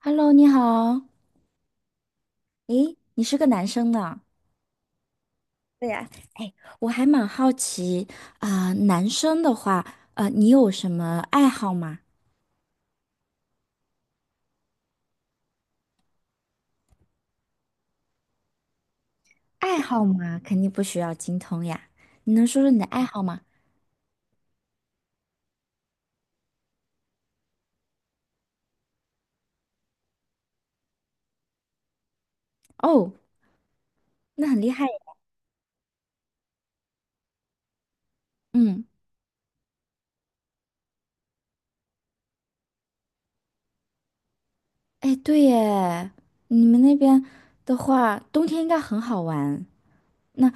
Hello，你好，诶，你是个男生呢？对呀，哎，我还蛮好奇，男生的话，你有什么爱好吗？爱好嘛，肯定不需要精通呀。你能说说你的爱好吗？哦，那很厉害耶。嗯，哎，对耶，你们那边的话，冬天应该很好玩。那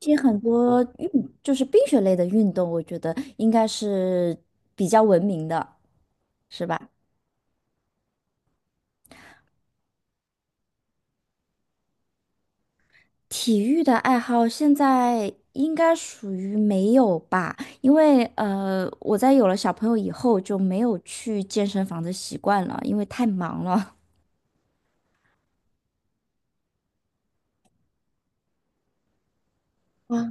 其实很多运，就是冰雪类的运动，我觉得应该是比较文明的，是吧？体育的爱好现在应该属于没有吧，因为我在有了小朋友以后就没有去健身房的习惯了，因为太忙了。啊，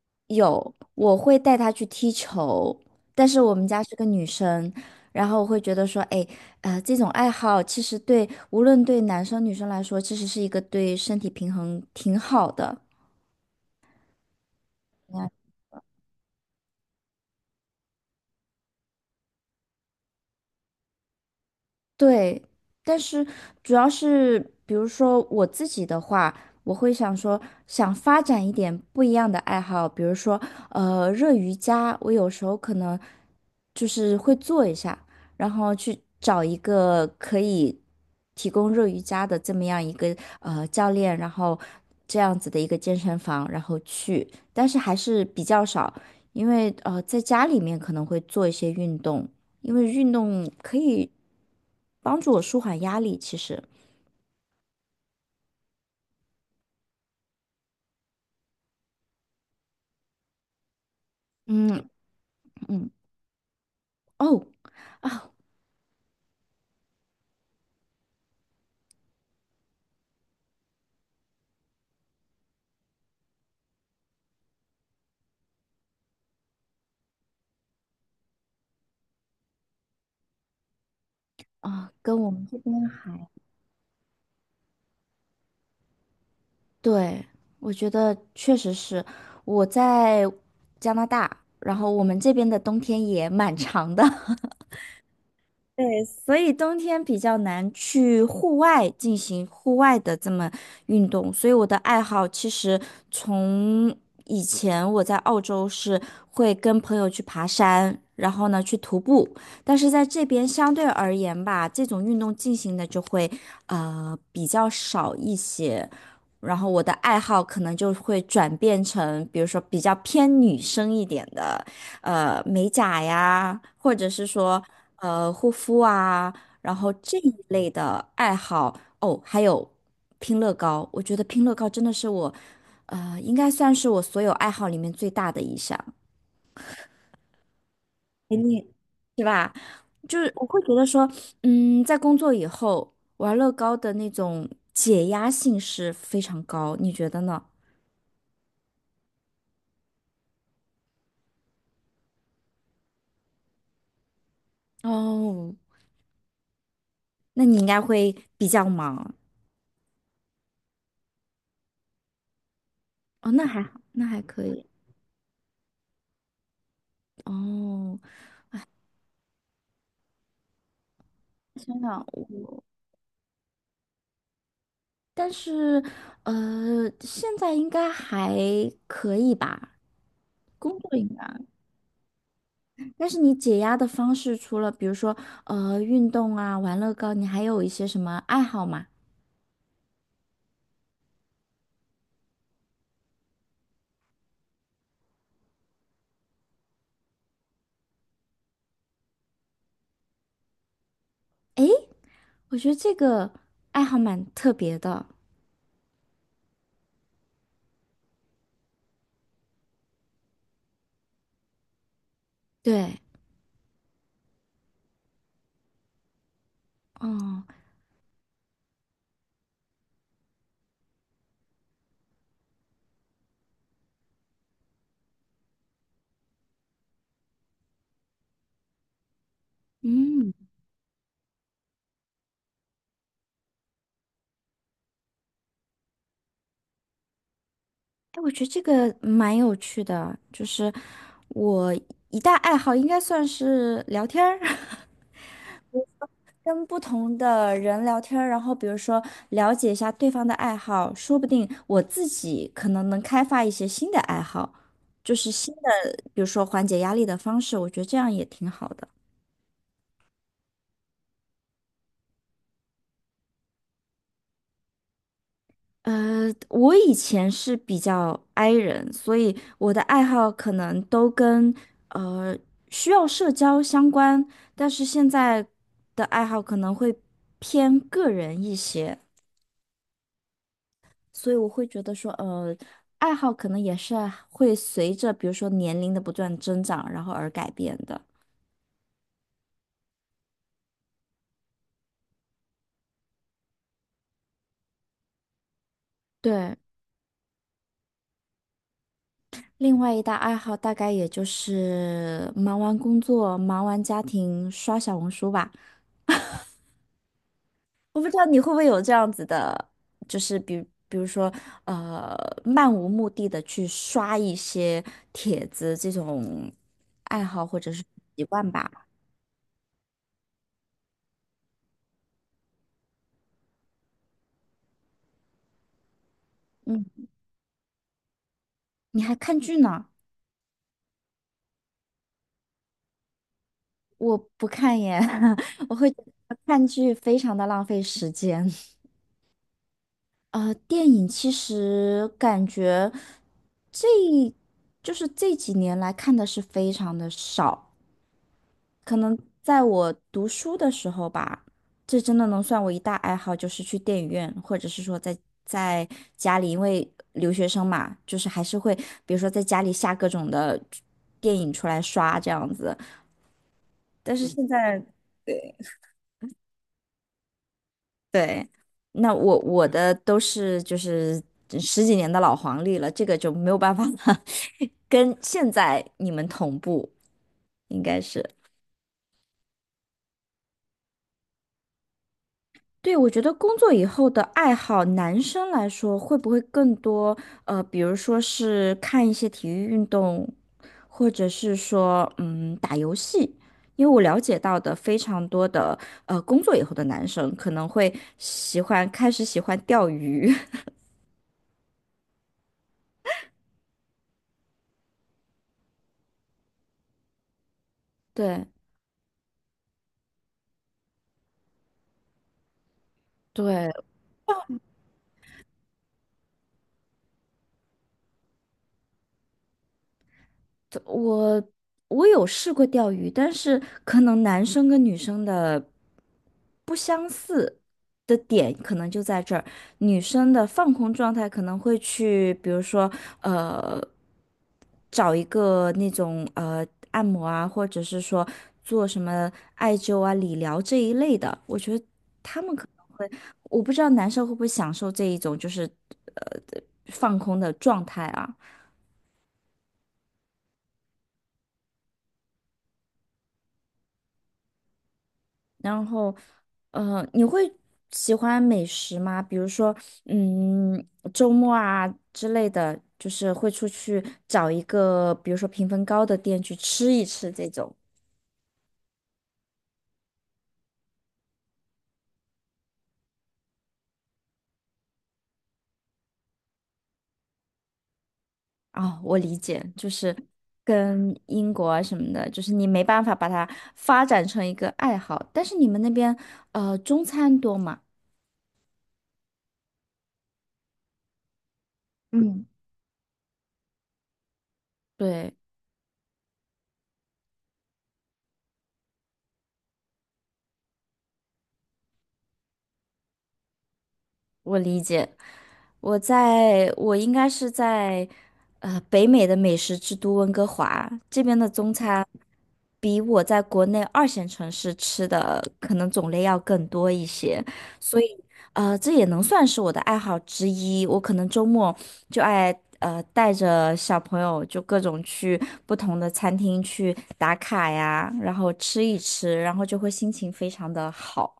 有，我会带他去踢球，但是我们家是个女生，然后我会觉得说，哎，这种爱好其实对无论对男生女生来说，其实是一个对身体平衡挺好的。对，但是主要是，比如说我自己的话，我会想说，想发展一点不一样的爱好，比如说，热瑜伽，我有时候可能就是会做一下，然后去找一个可以提供热瑜伽的这么样一个教练，然后这样子的一个健身房，然后去，但是还是比较少，因为在家里面可能会做一些运动。因为运动可以帮助我舒缓压力。其实，嗯。嗯，哦。啊，跟我们这边对，我觉得确实是我在加拿大，然后我们这边的冬天也蛮长的。所以冬天比较难去户外进行户外的这么运动，所以我的爱好其实从以前我在澳洲是会跟朋友去爬山，然后呢去徒步，但是在这边相对而言吧，这种运动进行的就会比较少一些，然后我的爱好可能就会转变成比如说比较偏女生一点的。呃美甲呀，或者是说护肤啊，然后这一类的爱好哦，还有拼乐高，我觉得拼乐高真的是我，应该算是我所有爱好里面最大的一项，哎你是吧？就是我会觉得说，嗯，在工作以后玩乐高的那种解压性是非常高，你觉得呢？哦，那你应该会比较忙。哦，那还好，那还可以。哦。想想我，但是现在应该还可以吧，工作应该。但是你解压的方式，除了比如说运动啊、玩乐高，你还有一些什么爱好吗？诶，我觉得这个爱好蛮特别的。对，哦，嗯，哎，我觉得这个蛮有趣的，就是我一大爱好应该算是聊天儿。跟不同的人聊天儿然后比如说了解一下对方的爱好，说不定我自己可能能开发一些新的爱好，就是新的，比如说缓解压力的方式，我觉得这样也挺好的。我以前是比较 i 人，所以我的爱好可能都跟呃需要社交相关，但是现在的爱好可能会偏个人一些。所以我会觉得说，爱好可能也是啊会随着比如说年龄的不断增长，然后而改变的。对，另外一大爱好大概也就是忙完工作、忙完家庭，刷小红书吧。我不知道你会不会有这样子的，就是比比如说，呃，漫无目的的去刷一些帖子这种爱好或者是习惯吧。嗯，你还看剧呢？我不看耶，我会觉得看剧非常的浪费时间。电影其实感觉这就是这几年来看的是非常的少，可能在我读书的时候吧，这真的能算我一大爱好，就是去电影院，或者是说在在家里，因为留学生嘛，就是还是会，比如说在家里下各种的电影出来刷这样子。但是现在。对，那我我的都是就是十几年的老黄历了，这个就没有办法了，跟现在你们同步，应该是。对，我觉得工作以后的爱好，男生来说会不会更多？比如说是看一些体育运动，或者是说嗯打游戏，因为我了解到的非常多的工作以后的男生可能会喜欢开始喜欢钓鱼，对。对，我我有试过钓鱼，但是可能男生跟女生的不相似的点可能就在这儿，女生的放空状态可能会去，比如说呃，找一个那种按摩啊，或者是说做什么艾灸啊、理疗这一类的。我觉得我不知道男生会不会享受这一种就是呃放空的状态啊。然后，你会喜欢美食吗？比如说，嗯，周末啊之类的，就是会出去找一个，比如说评分高的店去吃一吃这种。啊，我理解，就是跟英国啊什么的，就是你没办法把它发展成一个爱好，但是你们那边，中餐多嘛？嗯，对。我理解，我在我应该是在北美的美食之都温哥华这边的中餐，比我在国内二线城市吃的可能种类要更多一些，所以这也能算是我的爱好之一。我可能周末就爱带着小朋友就各种去不同的餐厅去打卡呀，然后吃一吃，然后就会心情非常的好。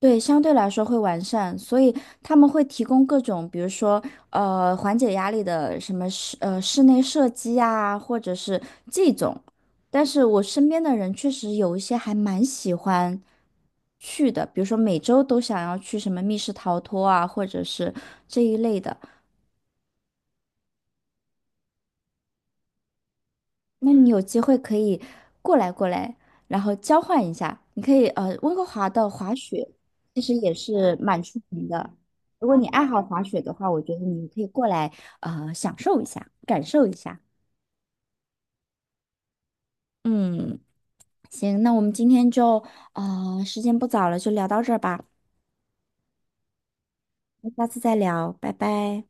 对，相对来说会完善，所以他们会提供各种，比如说，缓解压力的什么室室内射击啊，或者是这种。但是我身边的人确实有一些还蛮喜欢去的，比如说每周都想要去什么密室逃脱啊，或者是这一类的。那你有机会可以过来过来，然后交换一下。你可以温哥华的滑雪其实也是蛮出名的。如果你爱好滑雪的话，我觉得你可以过来享受一下，感受一下。嗯，行，那我们今天就时间不早了，就聊到这儿吧，那下次再聊，拜拜。